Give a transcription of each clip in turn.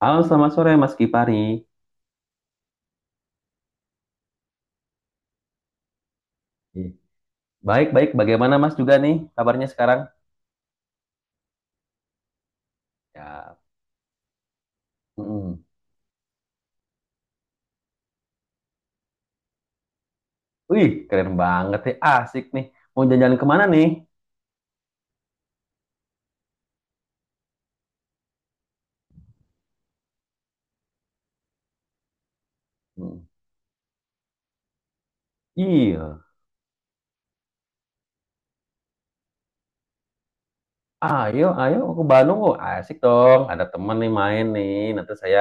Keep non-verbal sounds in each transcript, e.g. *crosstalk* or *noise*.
Halo, selamat sore Mas Kipari. Baik-baik, bagaimana Mas juga nih kabarnya sekarang? Ya, mm. Wih, keren banget ya, asik nih. Mau jalan-jalan kemana nih? Mm. Iya, ayo, ayo ke Bandung kok, asik dong. Ada temen nih main nih, nanti saya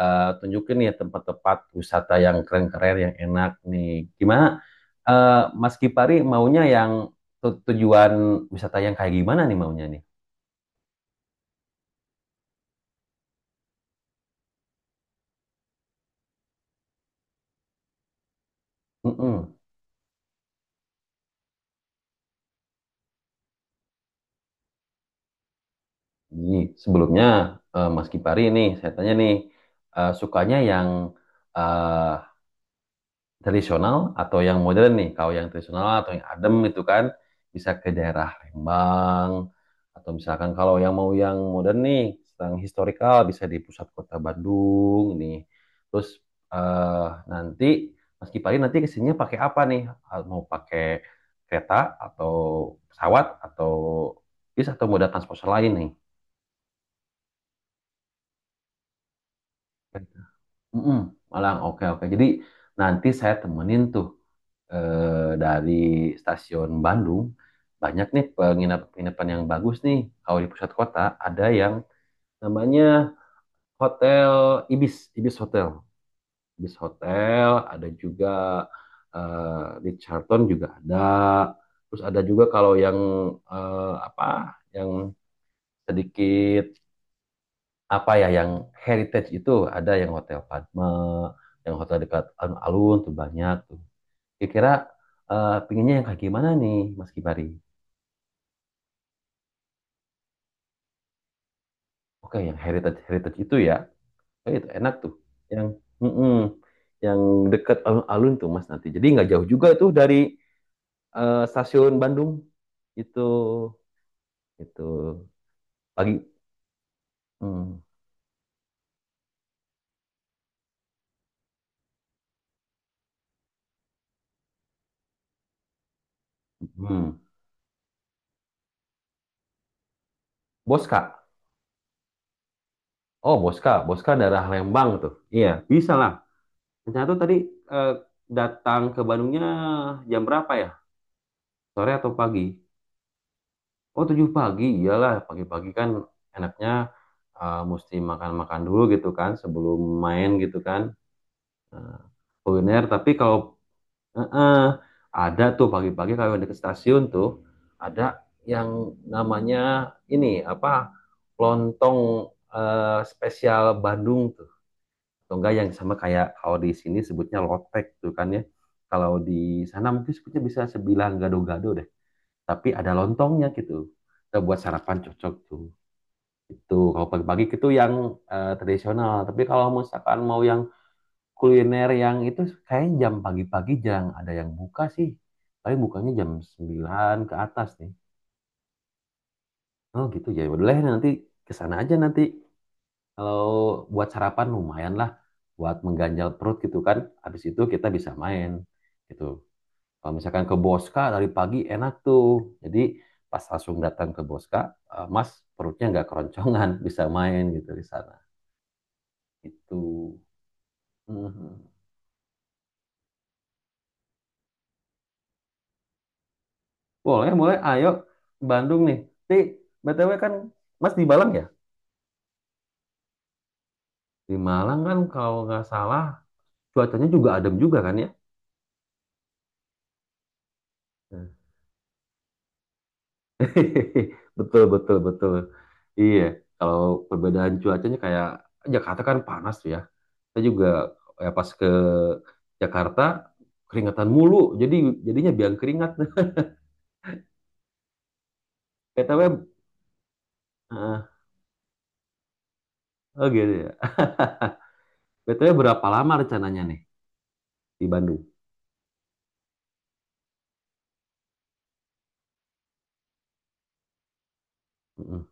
tunjukin nih tempat-tempat wisata yang keren-keren, yang enak nih. Gimana, eh, Mas Kipari maunya yang tujuan wisata yang kayak gimana nih maunya nih? Mm-mm. Ji, sebelumnya Mas Kipari ini saya tanya nih sukanya yang eh, tradisional atau yang modern nih? Kalau yang tradisional atau yang adem itu kan bisa ke daerah Rembang atau misalkan kalau yang mau yang modern nih, yang historikal bisa di pusat kota Bandung nih. Terus eh, nanti Mas Kipari nanti kesininya pakai apa nih? Mau pakai kereta atau pesawat atau bis atau moda transportasi lain nih? Mm-mm, Malang, oke oke. Jadi nanti saya temenin tuh dari stasiun Bandung banyak nih penginapan-penginapan yang bagus nih. Kalau di pusat kota ada yang namanya Hotel Ibis, Ibis Hotel, Ibis Hotel. Ada juga di Charlton juga ada. Terus ada juga kalau yang apa? Yang sedikit apa ya yang heritage itu ada yang hotel Padma, yang hotel dekat alun-alun tuh banyak tuh. Kira-kira pinginnya yang kayak gimana nih, Mas Kibari? Oke, yang heritage heritage itu ya, itu enak tuh. Yang mm-mm, yang dekat alun-alun tuh Mas nanti. Jadi nggak jauh juga itu dari stasiun Bandung itu itu pagi. Hmm, hmm. Boska. Oh, Boska. Boska daerah Lembang tuh. Iya, bisa lah. Rencana tuh tadi eh, datang ke Bandungnya jam berapa ya? Sore atau pagi? Oh, 7 pagi. Iyalah, pagi-pagi kan enaknya mesti makan-makan dulu gitu kan sebelum main gitu kan. Eh, Kuliner, tapi kalau eh, eh, ada tuh pagi-pagi kalau deket stasiun tuh ada yang namanya ini apa? Lontong eh, spesial Bandung tuh. Atau enggak yang sama kayak kalau di sini sebutnya lotek tuh kan ya. Kalau di sana mungkin sebutnya bisa sebilang gado-gado deh. Tapi ada lontongnya gitu. Kita buat sarapan cocok tuh. Itu kalau pagi-pagi itu yang tradisional. Tapi kalau misalkan mau yang kuliner yang itu kayaknya jam pagi-pagi jarang ada yang buka sih. Paling bukanya jam 9 ke atas nih. Oh gitu ya. Boleh nanti kesana aja nanti kalau buat sarapan lumayan lah, buat mengganjal perut gitu kan. Habis itu kita bisa main gitu. Kalau misalkan ke Boska dari pagi enak tuh. Jadi pas langsung datang ke Boska, Mas perutnya nggak keroncongan, *laughs* bisa main gitu di sana. Itu. Mhm. Boleh, boleh. Ayo Bandung nih. Tapi BTW kan Mas di Malang ya? Di Malang kan kalau nggak salah cuacanya juga adem juga kan ya? *laughs* Betul, betul, betul. Iya, kalau perbedaan cuacanya kayak Jakarta kan panas tuh ya. Saya juga ya pas ke Jakarta keringetan mulu, jadi jadinya biang keringat deh. BTW, eh, *laughs* oh gitu ya. BTW berapa lama rencananya nih di Bandung? Mm-mm.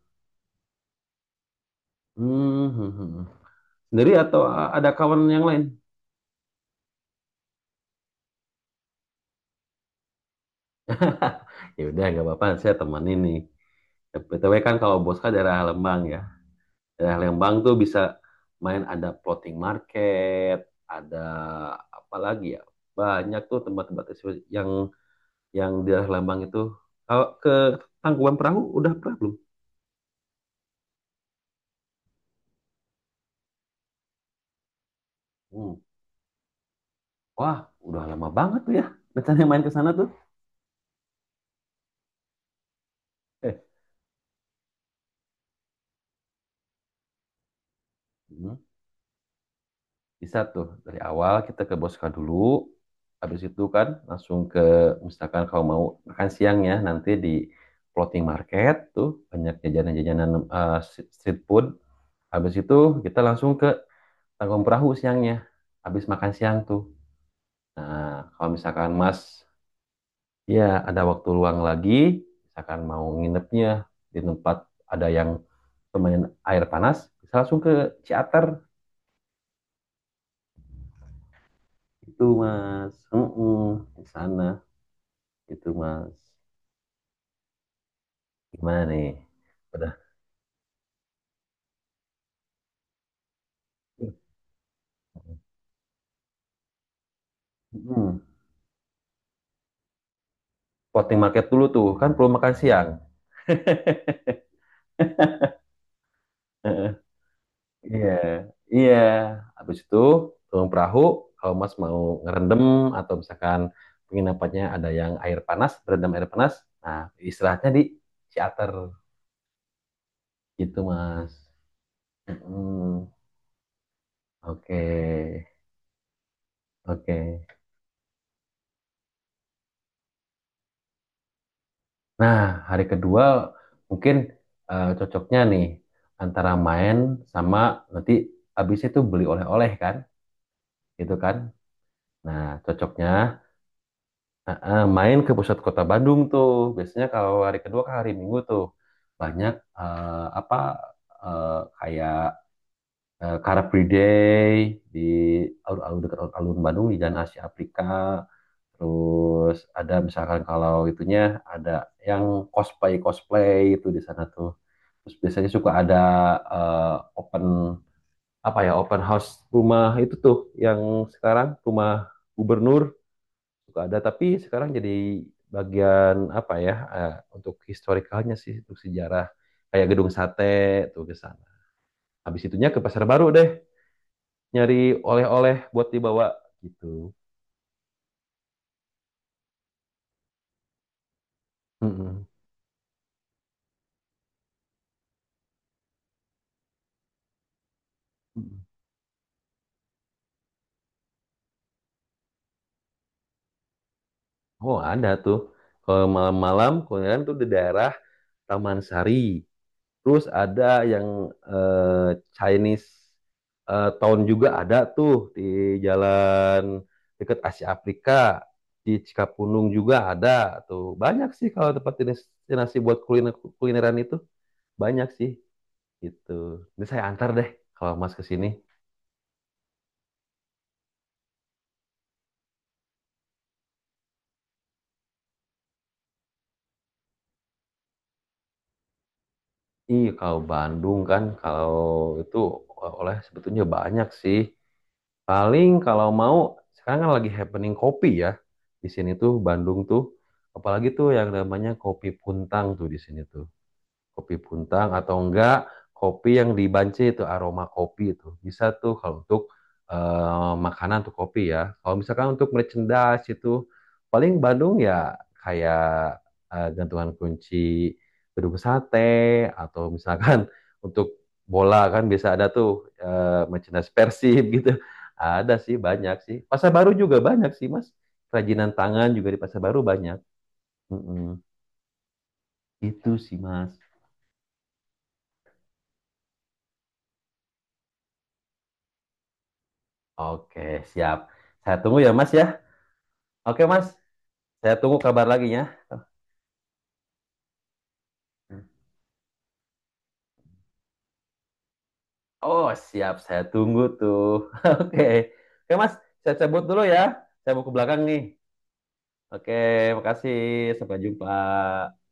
Hmm, hmm, hmm, hmm. Sendiri atau ada kawan yang lain? Ya udah, nggak apa-apa, saya temenin nih. BTW kan kalau Bos kan daerah Lembang ya. Daerah Lembang tuh bisa main ada floating market, ada apa lagi ya? Banyak tuh tempat-tempat yang yang di daerah Lembang itu. Kalau ke Tangkuban Perahu udah pernah belum? Hmm. Wah, udah lama banget tuh ya rencananya main ke sana tuh. Eh, hmm, Bisa tuh dari awal kita ke boska dulu. Habis itu kan langsung ke misalkan kalau mau makan siang ya nanti di floating market tuh banyak jajanan-jajanan street food. Habis itu kita langsung ke tanggung perahu siangnya habis makan siang tuh nah kalau misalkan mas ya ada waktu luang lagi misalkan mau nginepnya di tempat ada yang lumayan air panas bisa langsung ke Ciater itu mas di sana itu mas gimana nih udah. Mm-mm. Market dulu tuh kan perlu makan siang. Heeh. Iya, iya. Habis itu turun perahu, kalau Mas mau ngerendam atau misalkan penginapannya ada yang air panas, berendam air panas, nah istirahatnya di charter gitu Mas. Mm-mm. Oke, oke. Nah hari kedua mungkin cocoknya nih antara main sama nanti habis itu beli oleh-oleh kan, gitu kan? Nah cocoknya main ke pusat kota Bandung tuh. Biasanya kalau hari kedua ke hari Minggu tuh banyak eh, apa eh, kayak eh, Car Free Day di alun-alun dekat alun Bandung di Jalan Asia Afrika. Terus ada misalkan kalau itunya ada yang cosplay cosplay itu di sana tuh. Terus biasanya suka ada open apa ya open house rumah itu tuh yang sekarang rumah gubernur suka ada tapi sekarang jadi bagian apa ya untuk historikalnya sih untuk sejarah kayak gedung sate tuh ke sana habis itunya ke pasar baru deh nyari oleh-oleh buat dibawa gitu. Mm-mm. Mm-mm. Oh ada tuh kalau malam-malam kemudian tuh di daerah Taman Sari. Terus ada yang eh, Chinese Town juga ada tuh di jalan dekat Asia Afrika di Cikapundung juga ada tuh banyak sih kalau tempat destinasi buat kuliner kulineran itu banyak sih gitu. Ini saya antar deh kalau Mas ke sini. Iya, kalau Bandung kan, kalau itu oleh sebetulnya banyak sih. Paling kalau mau, sekarang kan lagi happening kopi ya. Di sini tuh, Bandung tuh. Apalagi tuh yang namanya kopi Puntang tuh di sini tuh kopi puntang atau enggak kopi yang dibance itu aroma kopi itu bisa tuh kalau untuk makanan tuh kopi ya kalau misalkan untuk merchandise itu paling Bandung ya kayak gantungan kunci gedung sate atau misalkan *laughs* untuk bola kan bisa ada tuh merchandise Persib gitu ada sih banyak sih pasar baru juga banyak sih mas kerajinan tangan juga di pasar baru banyak. Mm-mm. Itu sih mas. Oke, siap. Saya tunggu ya, Mas ya. Oke, Mas. Saya tunggu kabar lagi ya. Oh, siap. Saya tunggu tuh. *laughs* Oke. Oke, Mas. Saya cabut dulu ya. Saya mau ke belakang nih. Oke, makasih. Sampai jumpa.